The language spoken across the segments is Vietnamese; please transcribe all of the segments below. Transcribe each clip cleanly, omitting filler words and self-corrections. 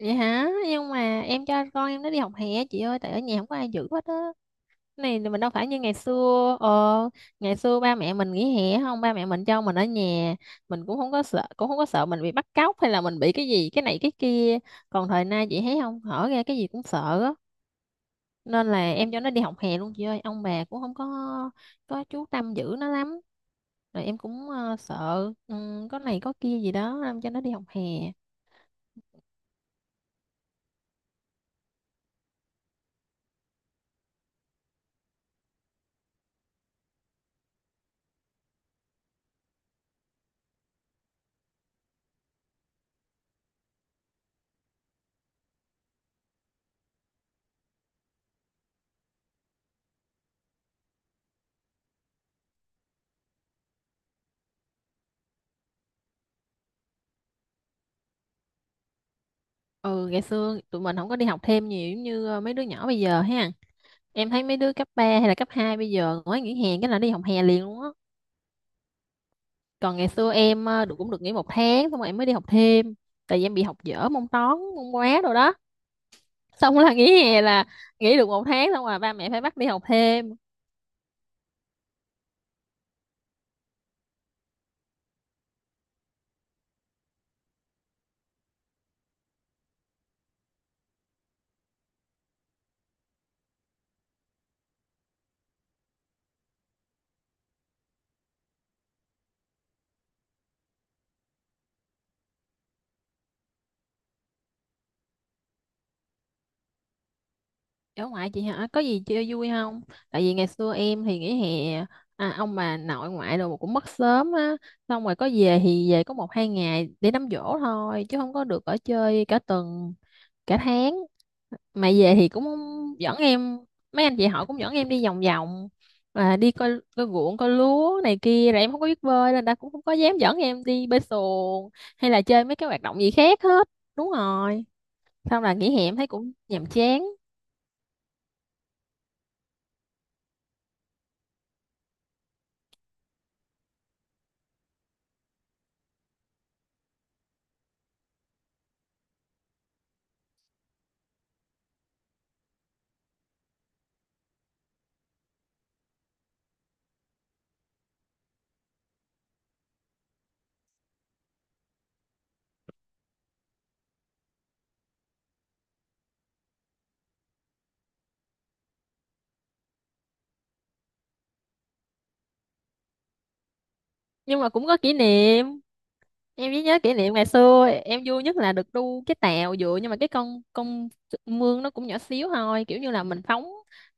Vậy hả? Nhưng mà em cho con em nó đi học hè chị ơi, tại ở nhà không có ai giữ hết á. Này thì mình đâu phải như ngày xưa. Ờ Ngày xưa ba mẹ mình nghỉ hè không, ba mẹ mình cho mình ở nhà. Mình cũng không có sợ mình bị bắt cóc hay là mình bị cái gì cái này cái kia. Còn thời nay chị thấy không, hở ra cái gì cũng sợ á. Nên là em cho nó đi học hè luôn chị ơi, ông bà cũng không có chú tâm giữ nó lắm. Rồi em cũng sợ có này có kia gì đó, em cho nó đi học hè. Ừ, ngày xưa tụi mình không có đi học thêm nhiều giống như mấy đứa nhỏ bây giờ ha. Em thấy mấy đứa cấp 3 hay là cấp 2 bây giờ nói nghỉ hè cái là đi học hè liền luôn á. Còn ngày xưa em được nghỉ một tháng, xong rồi em mới đi học thêm. Tại vì em bị học dở môn toán môn hóa đồ đó. Xong là nghỉ hè là nghỉ được một tháng, xong rồi ba mẹ phải bắt đi học thêm. Ở ngoại chị hả? Có gì chơi vui không? Tại vì ngày xưa em thì nghỉ hè à, ông bà nội ngoại đồ cũng mất sớm á. Xong rồi có về thì về có một hai ngày để đám giỗ thôi, chứ không có được ở chơi cả tuần, cả tháng. Mà về thì cũng dẫn em, mấy anh chị họ cũng dẫn em đi vòng vòng à, đi coi coi ruộng coi lúa này kia, rồi em không có biết bơi nên đã cũng không có dám dẫn em đi bơi xuồng hay là chơi mấy cái hoạt động gì khác hết. Đúng rồi. Xong là nghỉ hè em thấy cũng nhàm chán. Nhưng mà cũng có kỷ niệm, em chỉ nhớ kỷ niệm ngày xưa em vui nhất là được đu cái tàu dựa, nhưng mà cái con mương nó cũng nhỏ xíu thôi, kiểu như là mình phóng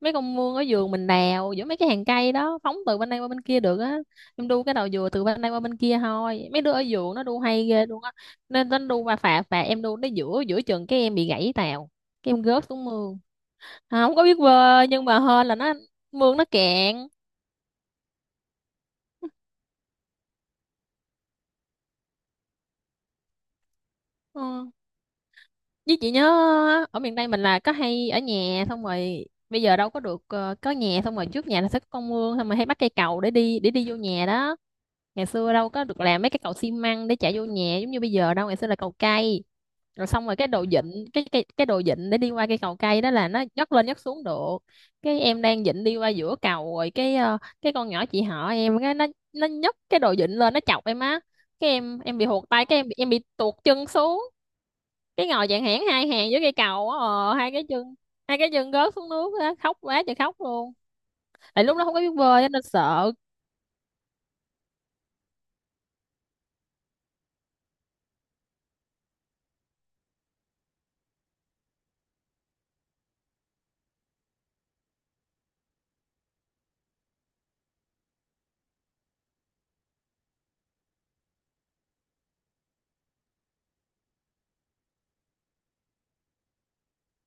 mấy con mương ở vườn mình đào giữa mấy cái hàng cây đó, phóng từ bên đây qua bên kia được á. Em đu cái đầu dừa từ bên đây qua bên kia thôi, mấy đứa ở vườn nó đu hay ghê luôn á. Nên nó đu qua phà phà, em đu tới giữa giữa chừng cái em bị gãy tàu. Cái em gớt xuống mương. À, không có biết bơi nhưng mà hên là mương nó cạn. Ừ, với chị nhớ ở miền Tây mình là có hay ở nhà, xong rồi bây giờ đâu có được có nhà, xong rồi trước nhà là sẽ có con mương, xong rồi hay bắt cây cầu để đi vô nhà đó. Ngày xưa đâu có được làm mấy cái cầu xi măng để chạy vô nhà giống như bây giờ đâu, ngày xưa là cầu cây. Rồi xong rồi cái đồ vịn để đi qua cây cầu cây đó là nó nhấc lên nhấc xuống được. Cái em đang vịn đi qua giữa cầu rồi cái con nhỏ chị họ em cái nó nhấc cái đồ vịn lên, nó chọc em á. Cái em bị hụt tay, cái em bị tuột chân xuống, cái ngồi dạng hẻn hai hàng với cây cầu á, hai cái chân rớt xuống nước á, khóc quá trời khóc luôn, tại lúc đó không có biết bơi á, nên sợ.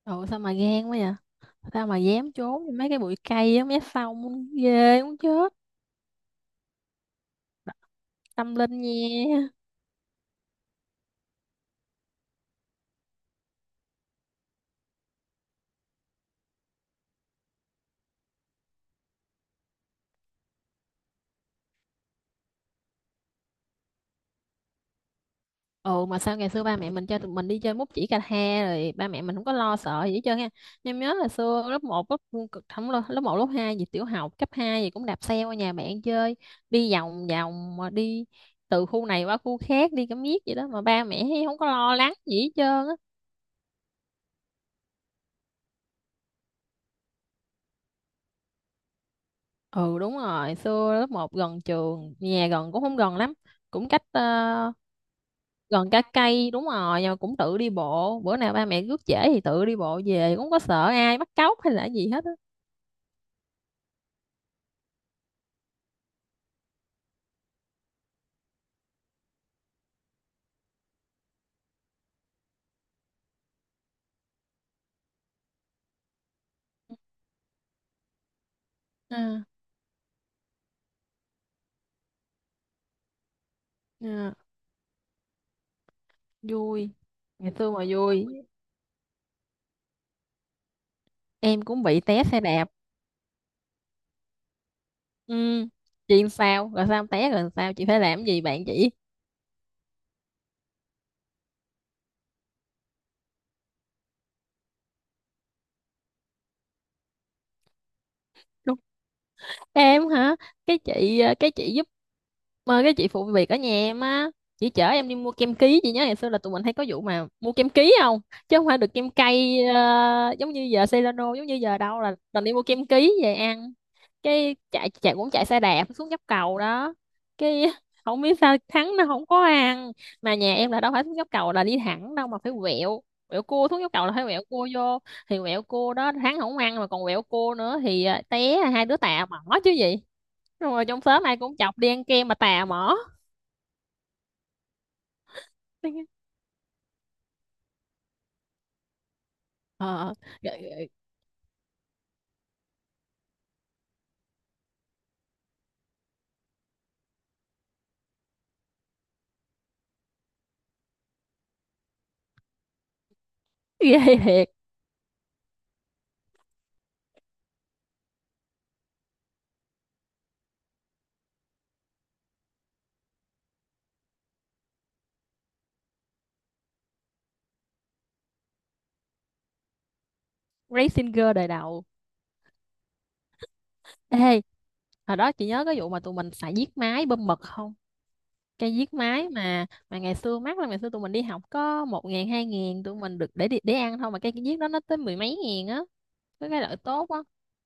Ồ, sao mà gan quá vậy. Sao mà dám trốn vô mấy cái bụi cây á, mấy sông ghê muốn chết. Tâm linh nha. Ừ, mà sao ngày xưa ba mẹ mình cho tụi mình đi chơi múc chỉ cà he rồi ba mẹ mình không có lo sợ gì hết trơn á. Em nhớ là xưa lớp một, lớp không, lớp lớp một lớp 2 gì, tiểu học cấp 2 gì, cũng đạp xe qua nhà bạn chơi, đi vòng vòng mà đi từ khu này qua khu khác, đi cả miết vậy đó mà ba mẹ thấy không có lo lắng gì hết trơn á. Ừ đúng rồi, xưa lớp một gần trường, nhà gần cũng không gần lắm, cũng cách gần cả cây đúng rồi, nhưng mà cũng tự đi bộ, bữa nào ba mẹ rước trễ thì tự đi bộ về, cũng không có sợ ai bắt cóc hay là gì hết á. Ừ. Dạ, vui, ngày xưa mà vui, em cũng bị té xe đạp. Ừ. Chị sao rồi, sao té rồi sao chị phải làm cái gì bạn chị? Em hả? Cái chị giúp, mà cái chị phụ việc ở nhà em á. Chị chở em đi mua kem ký, chị nhớ ngày xưa là tụi mình hay có vụ mà mua kem ký không? Chứ không phải được kem cay giống như giờ Celano giống như giờ đâu, là toàn đi mua kem ký về ăn. Cái chạy chạy cũng chạy xe đạp xuống dốc cầu đó, cái không biết sao thắng nó không có ăn. Mà nhà em là đâu phải xuống dốc cầu là đi thẳng đâu, mà phải quẹo quẹo cua xuống dốc cầu là phải quẹo cua vô. Thì quẹo cua đó hắn không ăn mà còn quẹo cua nữa thì à, té à, hai đứa tà mỏ chứ gì. Xong rồi trong xóm ai cũng chọc đi ăn kem mà tà mỏ. ờ Ghê, ghê thiệt. Racing Girl đời đầu. Ê, hồi đó chị nhớ cái vụ mà tụi mình xài viết máy bơm mật không? Cái viết máy mà ngày xưa mắc lắm, ngày xưa tụi mình đi học có một ngàn hai ngàn tụi mình được để để ăn thôi, mà cái viết đó nó tới mười mấy ngàn á. Có cái lợi tốt á.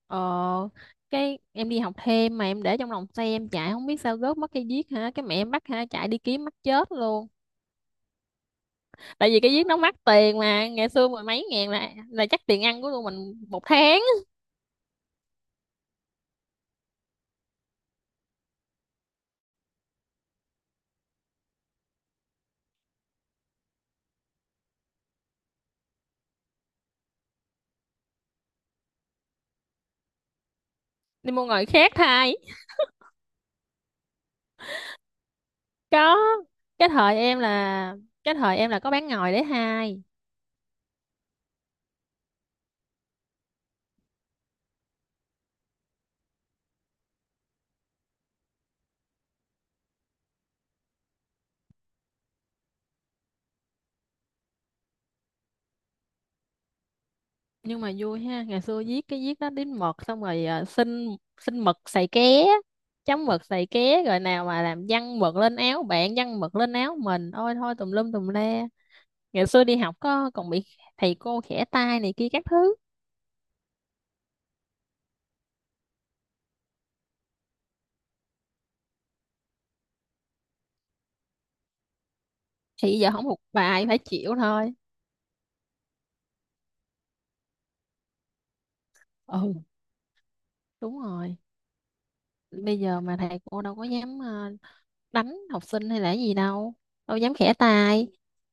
Ờ cái em đi học thêm mà em để trong lòng xe em chạy không biết sao gớt mất cây viết hả, cái mẹ em bắt hả, chạy đi kiếm mắc chết luôn. Tại vì cái viết nó mắc tiền mà, ngày xưa mười mấy ngàn là chắc tiền ăn của tụi mình một tháng. Đi mua ngồi khác thay. Có, cái thời em là cái thời em là có bán ngồi để hai. Nhưng mà vui ha, ngày xưa viết cái viết đó đến mực xong rồi à, xin xin mực xài ké, chấm mực xài ké rồi nào mà làm văng mực lên áo bạn, văng mực lên áo mình, ôi thôi tùm lum tùm le. Ngày xưa đi học có còn bị thầy cô khẽ tay này kia các thứ. Thì giờ không học bài phải chịu thôi. Ừ đúng rồi, bây giờ mà thầy cô đâu có dám đánh học sinh hay là cái gì đâu, đâu dám khẽ tay.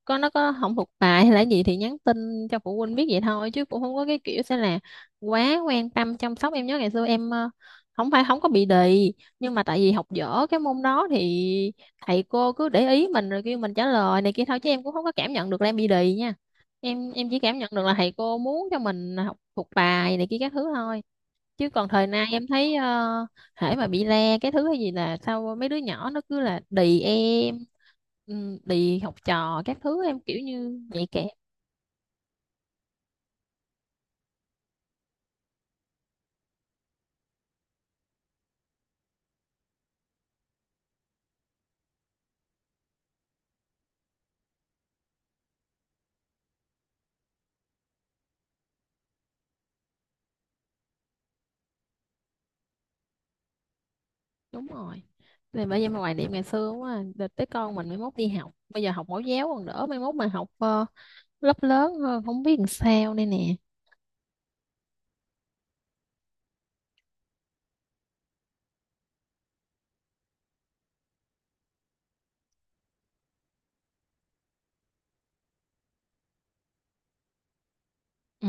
Có nó có không thuộc bài hay là gì thì nhắn tin cho phụ huynh biết vậy thôi, chứ cũng không có cái kiểu sẽ là quá quan tâm chăm sóc. Em nhớ ngày xưa em không phải không có bị đì, nhưng mà tại vì học dở cái môn đó thì thầy cô cứ để ý mình rồi kêu mình trả lời này kia thôi, chứ em cũng không có cảm nhận được là em bị đì nha. Em chỉ cảm nhận được là thầy cô muốn cho mình học thuộc bài này kia các thứ thôi. Chứ còn thời nay em thấy hễ mà bị le cái thứ hay gì là sao mấy đứa nhỏ nó cứ là đì em. Ừ, đì học trò các thứ, em kiểu như nhạy cảm. Đúng rồi, thì bây giờ mà hoài niệm ngày xưa quá à. Đợt tới con mình mới mốt đi học, bây giờ học mẫu giáo còn đỡ, mai mốt mà học lớp lớn hơn không biết làm sao đây nè. Ừ.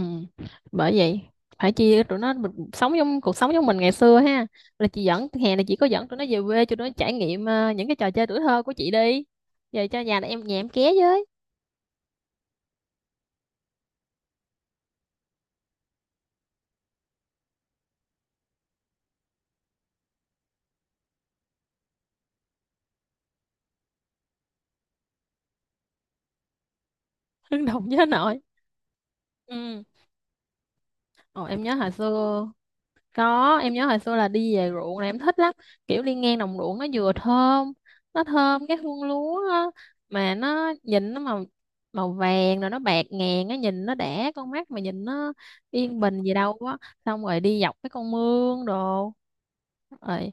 Bởi vậy phải chia tụi nó mình sống trong cuộc sống giống mình ngày xưa ha, là chị dẫn, hè này chị có dẫn tụi nó về quê cho nó trải nghiệm những cái trò chơi tuổi thơ của chị đi. Về cho nhà này em, nhà em ké với. Hương đồng với nội. Ừ. Ồ, em nhớ hồi xưa. Có, em nhớ hồi xưa là đi về ruộng là em thích lắm. Kiểu đi ngang đồng ruộng nó vừa thơm, nó thơm cái hương lúa á, mà nó nhìn nó màu màu vàng rồi nó bạc ngàn, nó nhìn nó đã con mắt, mà nhìn nó yên bình gì đâu á. Xong rồi đi dọc cái con mương đồ. Rồi,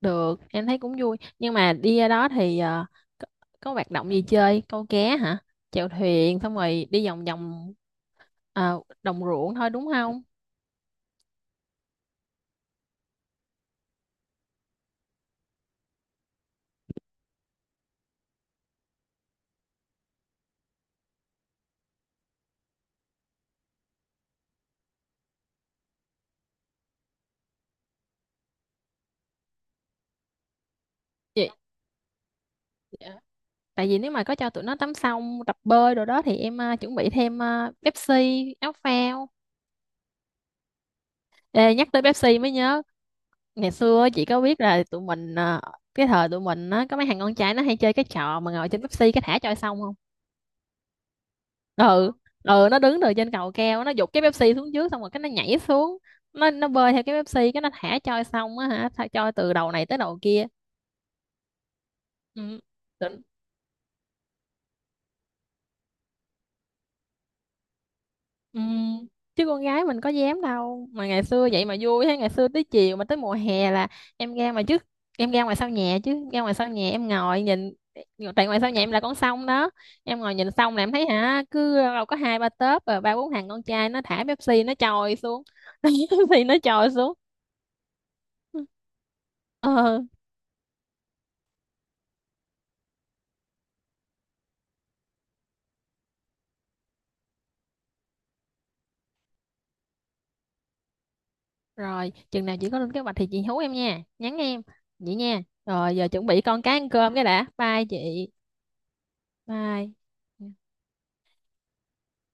được, em thấy cũng vui. Nhưng mà đi ra đó thì có, có hoạt động gì chơi? Câu cá hả? Chèo thuyền xong rồi đi vòng vòng đồng ruộng thôi đúng không? Vậy, tại vì nếu mà có cho tụi nó tắm xong tập bơi rồi đó thì em chuẩn bị thêm Pepsi áo phao. Ê, nhắc tới Pepsi mới nhớ, ngày xưa á, chị có biết là tụi mình cái thời tụi mình á, có mấy thằng con trai nó hay chơi cái trò mà ngồi trên Pepsi cái thả trôi sông không? Ừ. Ừ. Nó đứng từ trên cầu keo nó giục cái Pepsi xuống trước, xong rồi cái nó nhảy xuống. Nó bơi theo cái Pepsi, cái nó thả trôi sông á hả, thả trôi từ đầu này tới đầu kia. Ừ. Ừ, chứ con gái mình có dám đâu, mà ngày xưa vậy mà vui thế, ngày xưa tới chiều mà tới mùa hè là em ra mà trước, em ra ngoài sau nhà, chứ ra ngoài sau nhà em ngồi nhìn. Tại ngoài sau nhà em là con sông đó, em ngồi nhìn sông là em thấy hả, cứ đâu có hai ba tớp rồi ba bốn thằng con trai nó thả Pepsi nó trồi xuống, Pepsi nó trồi xuống. Ờ rồi chừng nào chị có lên kế hoạch thì chị hú em nha, nhắn em. Vậy nha, rồi giờ chuẩn bị con cái ăn cơm cái đã. Bye chị. Bye.